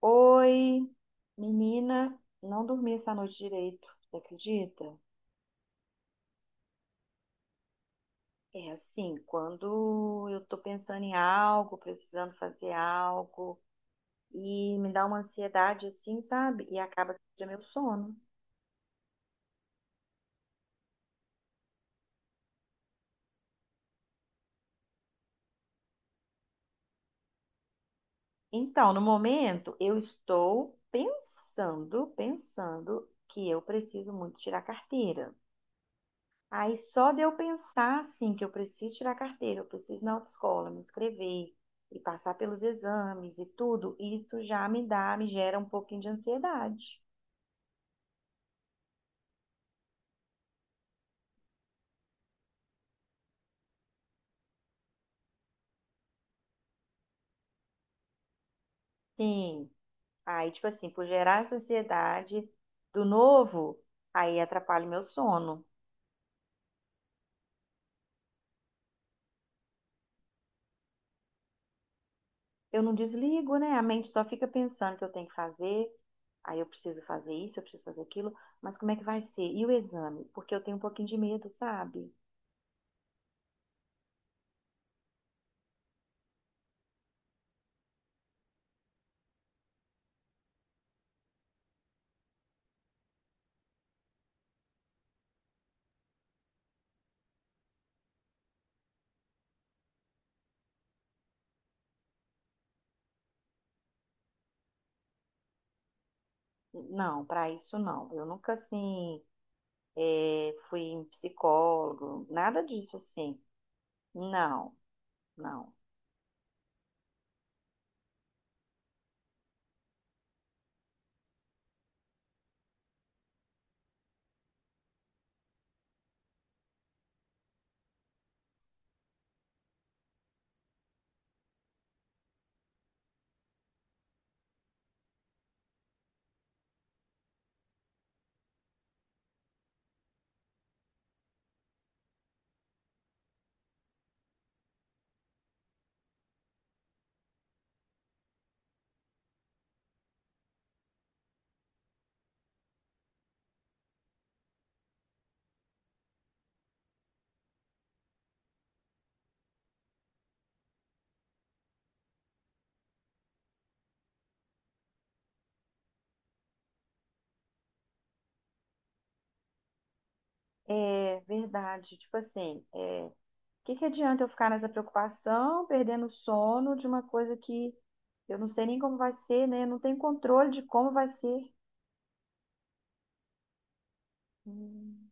Oi, menina, não dormi essa noite direito, você acredita? É assim, quando eu tô pensando em algo, precisando fazer algo, e me dá uma ansiedade assim, sabe? E acaba que é meu sono. Então, no momento, eu estou pensando que eu preciso muito tirar carteira. Aí só de eu pensar assim que eu preciso tirar a carteira, eu preciso ir na autoescola, me inscrever e passar pelos exames e tudo, isso já me dá, me gera um pouquinho de ansiedade. Sim. Aí, tipo assim, por gerar essa ansiedade do novo, aí atrapalha o meu sono. Eu não desligo, né? A mente só fica pensando que eu tenho que fazer, aí eu preciso fazer isso, eu preciso fazer aquilo, mas como é que vai ser? E o exame? Porque eu tenho um pouquinho de medo, sabe? Não, para isso não. Eu nunca assim fui em psicólogo, nada disso assim. Não, não. É verdade, tipo assim, o que que adianta eu ficar nessa preocupação, perdendo o sono de uma coisa que eu não sei nem como vai ser, né? Eu não tenho controle de como vai ser. Hum,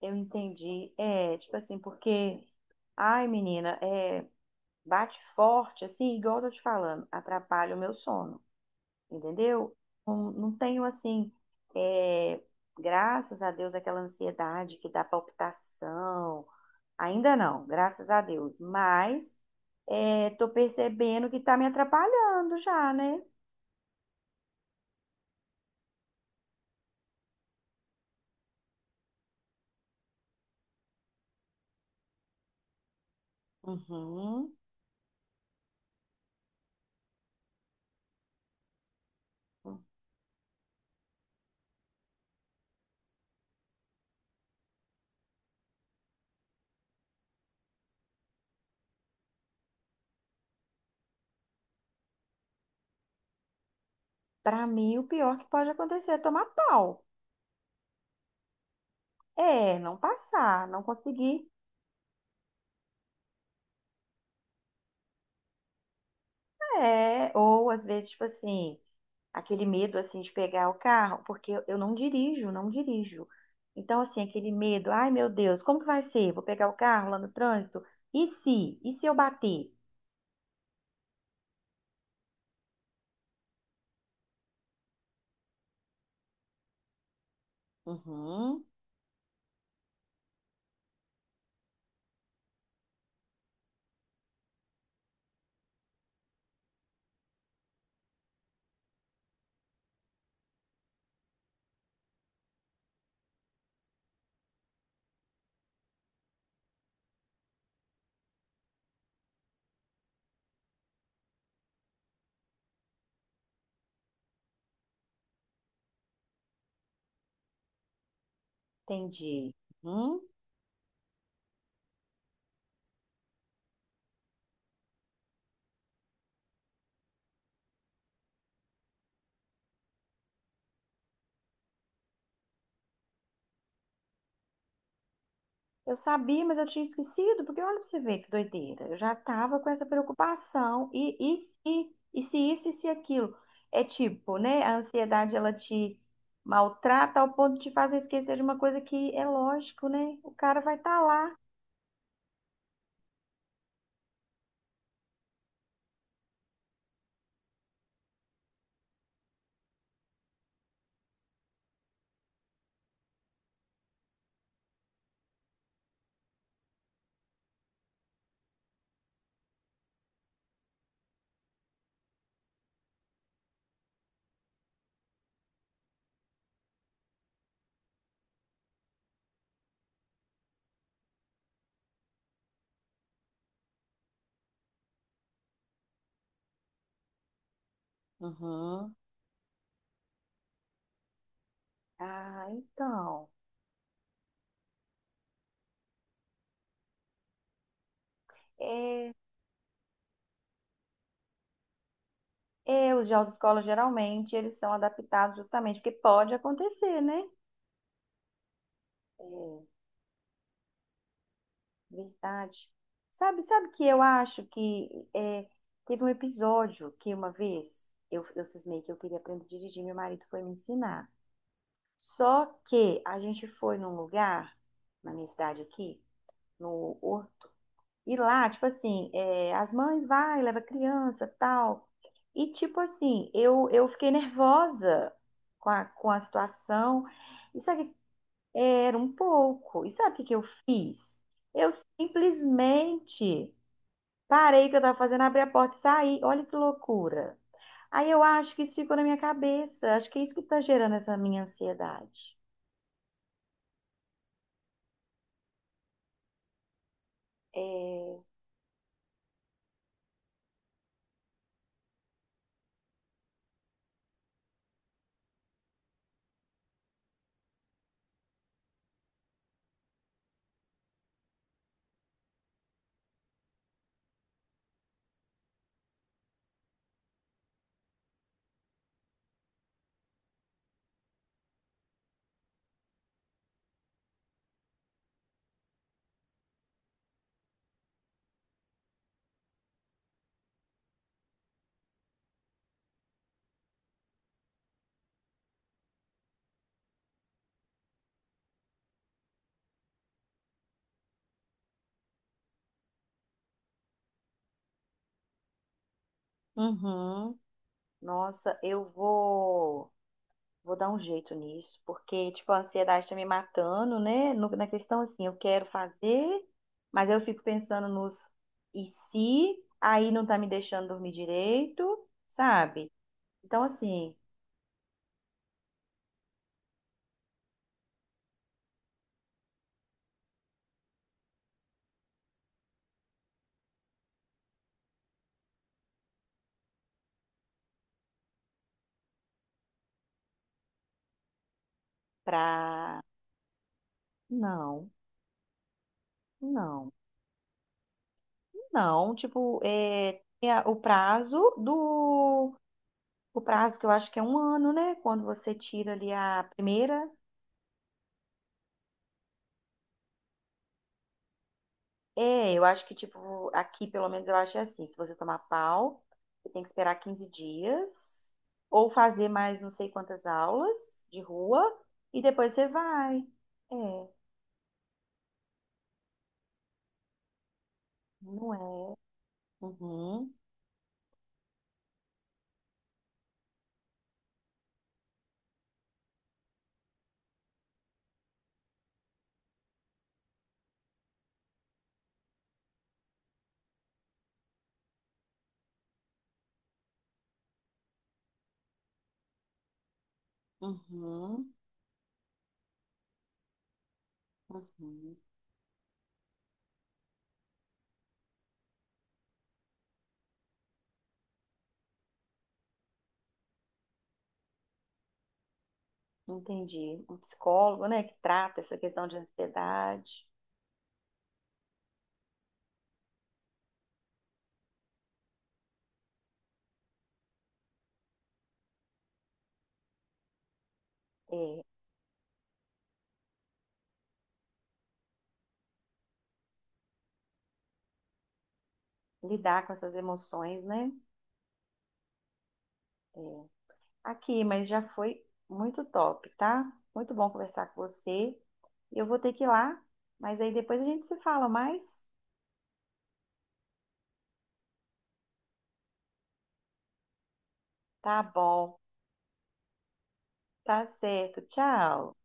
eu entendi. É, tipo assim, porque, ai, menina, bate forte, assim, igual eu tô te falando, atrapalha o meu sono. Entendeu? Não, não tenho assim, é, graças a Deus, aquela ansiedade que dá palpitação. Ainda não, graças a Deus. Mas tô percebendo que tá me atrapalhando já, né? Uhum. Para mim, o pior que pode acontecer é tomar pau. É, não passar, não conseguir. É, ou às vezes, tipo assim. Aquele medo assim de pegar o carro, porque eu não dirijo, não dirijo. Então, assim, aquele medo, ai meu Deus, como que vai ser? Vou pegar o carro lá no trânsito? E se? E se eu bater? Uhum, entendi. Uhum. Eu sabia, mas eu tinha esquecido, porque olha pra você ver que doideira. Eu já tava com essa preocupação. E se? E se isso e se aquilo? É tipo, né? A ansiedade, ela te maltrata ao ponto de te fazer esquecer de uma coisa que é lógico, né? O cara vai estar lá. Uhum. Ah, então. É, é, os de autoescola geralmente eles são adaptados justamente porque pode acontecer, né? É, verdade. Sabe, sabe que eu acho que é, teve um episódio que uma vez eu cismei que eu queria aprender a dirigir, meu marido foi me ensinar. Só que a gente foi num lugar, na minha cidade aqui, no. E lá, tipo assim, é, as mães vai, leva criança, tal. E tipo assim, eu fiquei nervosa com a situação. E sabe, que- era um pouco. E sabe o que que eu fiz? Eu simplesmente parei o que eu tava fazendo, abri a porta e saí. Olha que loucura. Aí eu acho que isso ficou na minha cabeça. Acho que é isso que tá gerando essa minha ansiedade. É... Uhum. Nossa, eu vou. Vou dar um jeito nisso, porque, tipo, a ansiedade tá me matando, né? No- na questão, assim, eu quero fazer, mas eu fico pensando nos e se, aí não tá me deixando dormir direito, sabe? Então, assim, pra... Não, não, não. Tipo, é, tem a- o prazo do... O prazo que eu acho que é 1 ano, né? Quando você tira ali a primeira. É, eu acho que, tipo, aqui pelo menos eu acho é assim: se você tomar pau, você tem que esperar 15 dias, ou fazer mais não sei quantas aulas de rua, e depois você vai. É, não é? Uhum, uhum, uhum. Entendi. Um psicólogo, né, que trata essa questão de ansiedade, é, lidar com essas emoções, né? É. Aqui, mas já foi muito top, tá? Muito bom conversar com você. Eu vou ter que ir lá, mas aí depois a gente se fala mais. Tá bom, tá certo. Tchau.